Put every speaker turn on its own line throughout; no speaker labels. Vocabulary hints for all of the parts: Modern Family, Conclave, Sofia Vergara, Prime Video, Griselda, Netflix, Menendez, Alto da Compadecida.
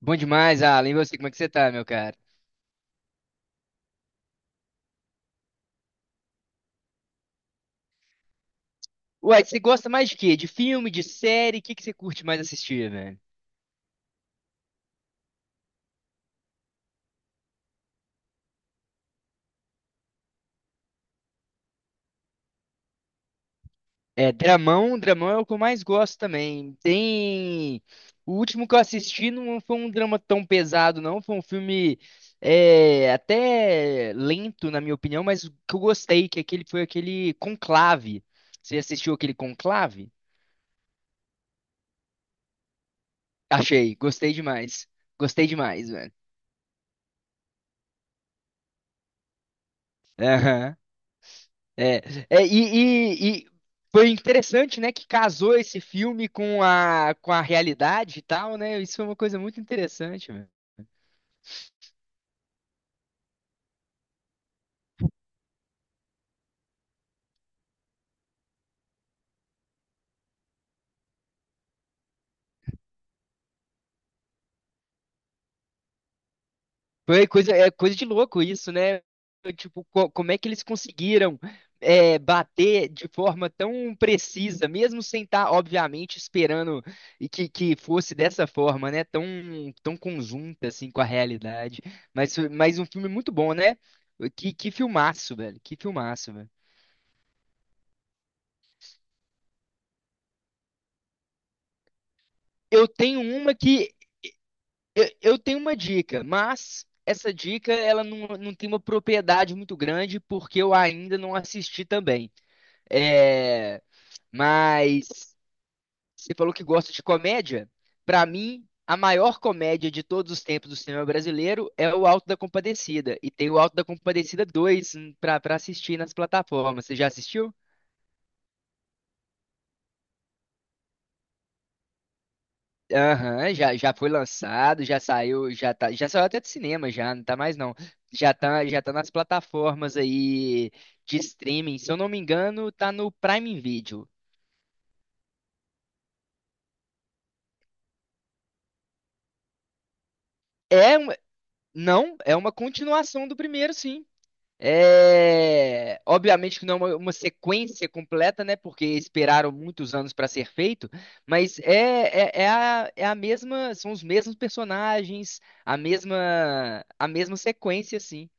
Bom demais, Alan. E você, como é que você tá, meu cara? Uai, você gosta mais de quê? De filme, de série? O que que você curte mais assistir, velho? É, dramão, dramão é o que eu mais gosto também. Tem. O último que eu assisti não foi um drama tão pesado, não. Foi um filme até lento, na minha opinião, mas o que eu gostei, que aquele foi aquele Conclave. Você assistiu aquele Conclave? Achei, gostei demais. Gostei demais, velho. Aham. É, e foi interessante, né, que casou esse filme com a realidade e tal, né? Isso foi uma coisa muito interessante, velho. É coisa de louco isso, né? Tipo, como é que eles conseguiram bater de forma tão precisa, mesmo sem estar, obviamente, esperando e que fosse dessa forma, né? Tão conjunta, assim, com a realidade. Mas, mas um filme muito bom, né? Que filmaço, velho. Que filmaço, velho. Eu tenho uma que eu tenho uma dica, mas essa dica ela não tem uma propriedade muito grande porque eu ainda não assisti também. É, mas você falou que gosta de comédia. Pra mim, a maior comédia de todos os tempos do cinema brasileiro é o Alto da Compadecida e tem o Alto da Compadecida 2 para assistir nas plataformas. Você já assistiu? Aham, já foi lançado, já saiu, já tá, já saiu até de cinema já, não tá mais não. Já tá nas plataformas aí de streaming, se eu não me engano, tá no Prime Video. É, um- não, é uma continuação do primeiro, sim. É, obviamente que não é uma sequência completa, né? Porque esperaram muitos anos para ser feito, mas é é a mesma, são os mesmos personagens, a mesma sequência, assim.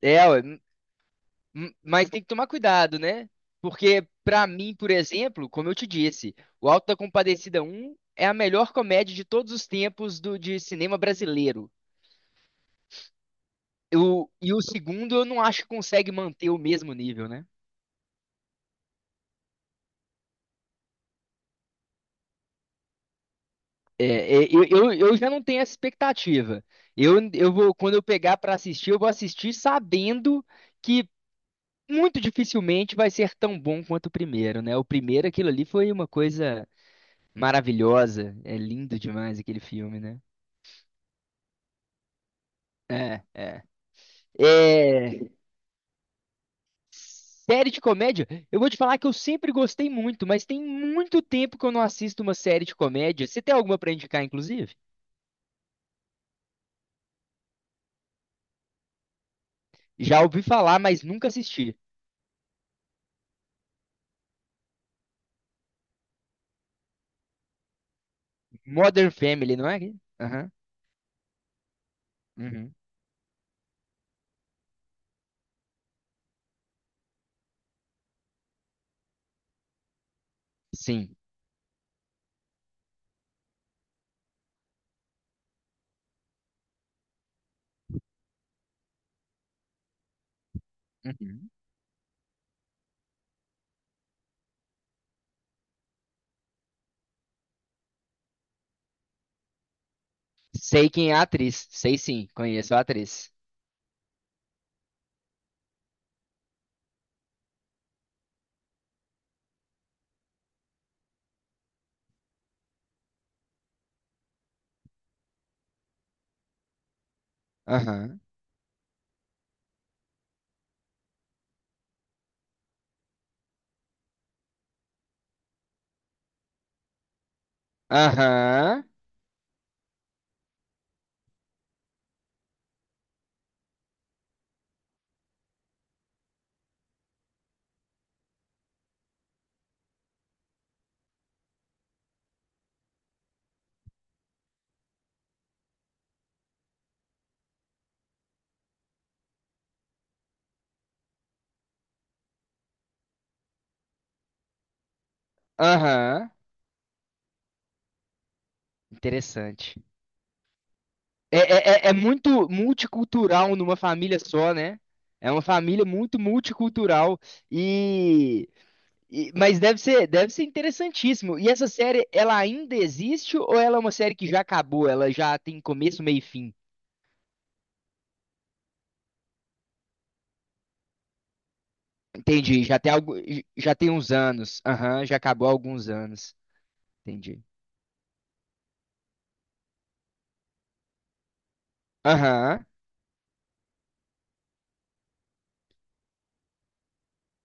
É, ué, mas tem que tomar cuidado, né? Porque, pra mim, por exemplo, como eu te disse, o Auto da Compadecida um é a melhor comédia de todos os tempos do, de cinema brasileiro. E o segundo, eu não acho que consegue manter o mesmo nível, né? É, eu, eu já não tenho essa expectativa. Eu vou, quando eu pegar pra assistir, eu vou assistir sabendo que muito dificilmente vai ser tão bom quanto o primeiro, né? O primeiro, aquilo ali foi uma coisa maravilhosa. É lindo demais aquele filme, né? É, é. É, série de comédia, eu vou te falar que eu sempre gostei muito, mas tem muito tempo que eu não assisto uma série de comédia. Você tem alguma pra indicar, inclusive? Já ouvi falar, mas nunca assisti. Modern Family, não é? Aham. Uhum. Sim. Uhum. Sei quem é a atriz. Sei sim, conheço a atriz. Aham. Aham. Aham. Interessante. É, é é muito multicultural numa família só, né? É uma família muito multicultural e, mas deve ser interessantíssimo. E essa série, ela ainda existe ou ela é uma série que já acabou? Ela já tem começo, meio e fim? Entendi. Já tem algo, já tem uns anos. Aham, já acabou há alguns anos. Entendi. Aham.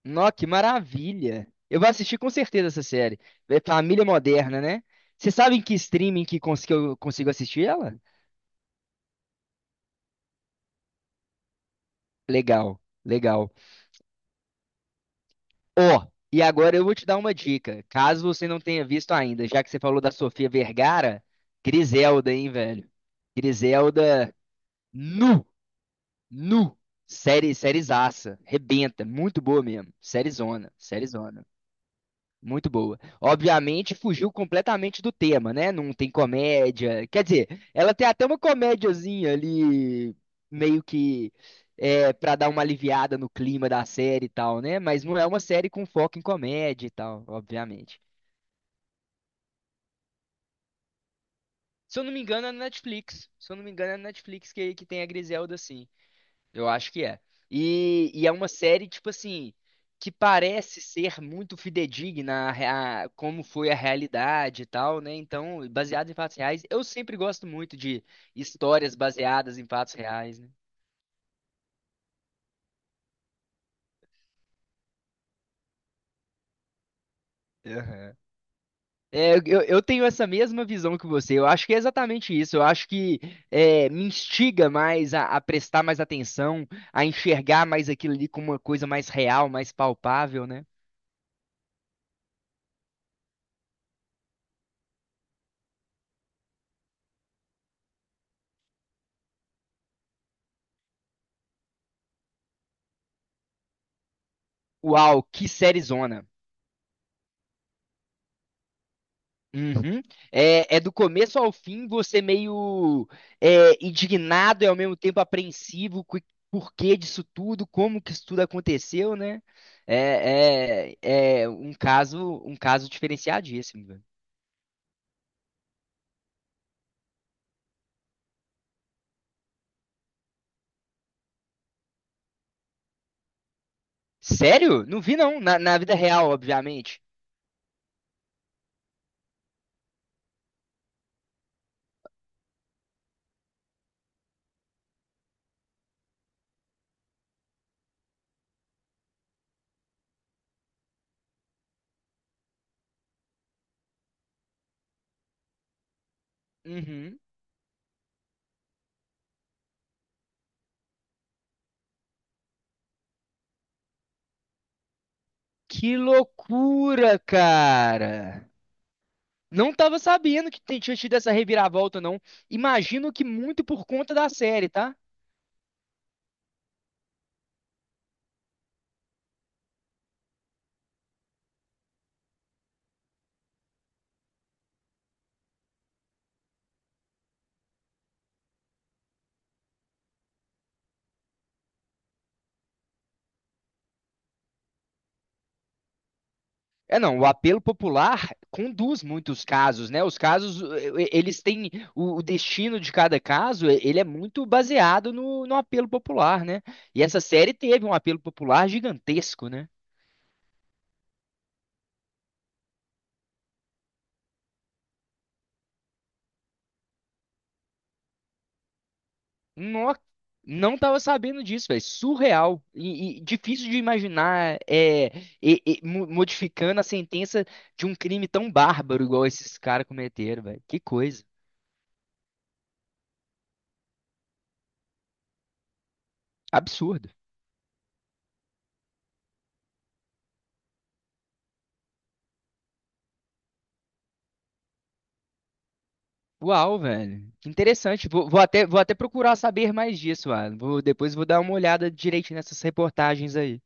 Nó, que maravilha. Eu vou assistir com certeza essa série. É Família Moderna, né? Você sabe em que streaming que que eu consigo assistir ela? Legal, legal. Ó, e agora eu vou te dar uma dica. Caso você não tenha visto ainda, já que você falou da Sofia Vergara, Griselda, hein, velho? Griselda, nu, nu. Série, sériezaça. Rebenta. Muito boa mesmo. Série Zona. Muito boa. Obviamente, fugiu completamente do tema, né? Não tem comédia. Quer dizer, ela tem até uma comédiazinha ali, meio que para dar uma aliviada no clima da série e tal, né? Mas não é uma série com foco em comédia e tal, obviamente. Se eu não me engano, é na Netflix. Se eu não me engano, é na Netflix que tem a Griselda, sim. Eu acho que é. E é uma série, tipo assim, que parece ser muito fidedigna a, como foi a realidade e tal, né? Então, baseado em fatos reais, eu sempre gosto muito de histórias baseadas em fatos reais, né? Aham. É, eu, eu tenho essa mesma visão que você. Eu acho que é exatamente isso. Eu acho que me instiga mais a prestar mais atenção, a enxergar mais aquilo ali como uma coisa mais real, mais palpável, né? Uau, que série. Uhum. É, é do começo ao fim você meio indignado e ao mesmo tempo apreensivo com o porquê disso tudo, como que isso tudo aconteceu, né? É um caso diferenciadíssimo, velho. Sério? Não vi não, na, na vida real, obviamente. Uhum. Que loucura, cara! Não tava sabendo que tinha tido essa reviravolta, não. Imagino que muito por conta da série, tá? É, não, o apelo popular conduz muitos casos, né? Os casos, eles têm o destino de cada caso, ele é muito baseado no apelo popular, né? E essa série teve um apelo popular gigantesco, né? Nó, não tava sabendo disso, velho. Surreal e difícil de imaginar e modificando a sentença de um crime tão bárbaro igual esses caras cometeram, velho. Que coisa. Absurdo. Uau, velho. Que interessante. Vou, vou até procurar saber mais disso, Alan. Vou, depois vou dar uma olhada direitinho nessas reportagens aí.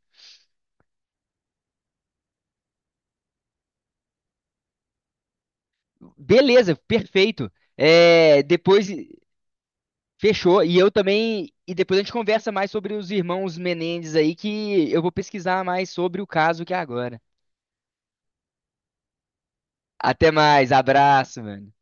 Beleza, perfeito. É, depois fechou. E eu também. E depois a gente conversa mais sobre os irmãos Menendez aí, que eu vou pesquisar mais sobre o caso que é agora. Até mais, abraço, mano.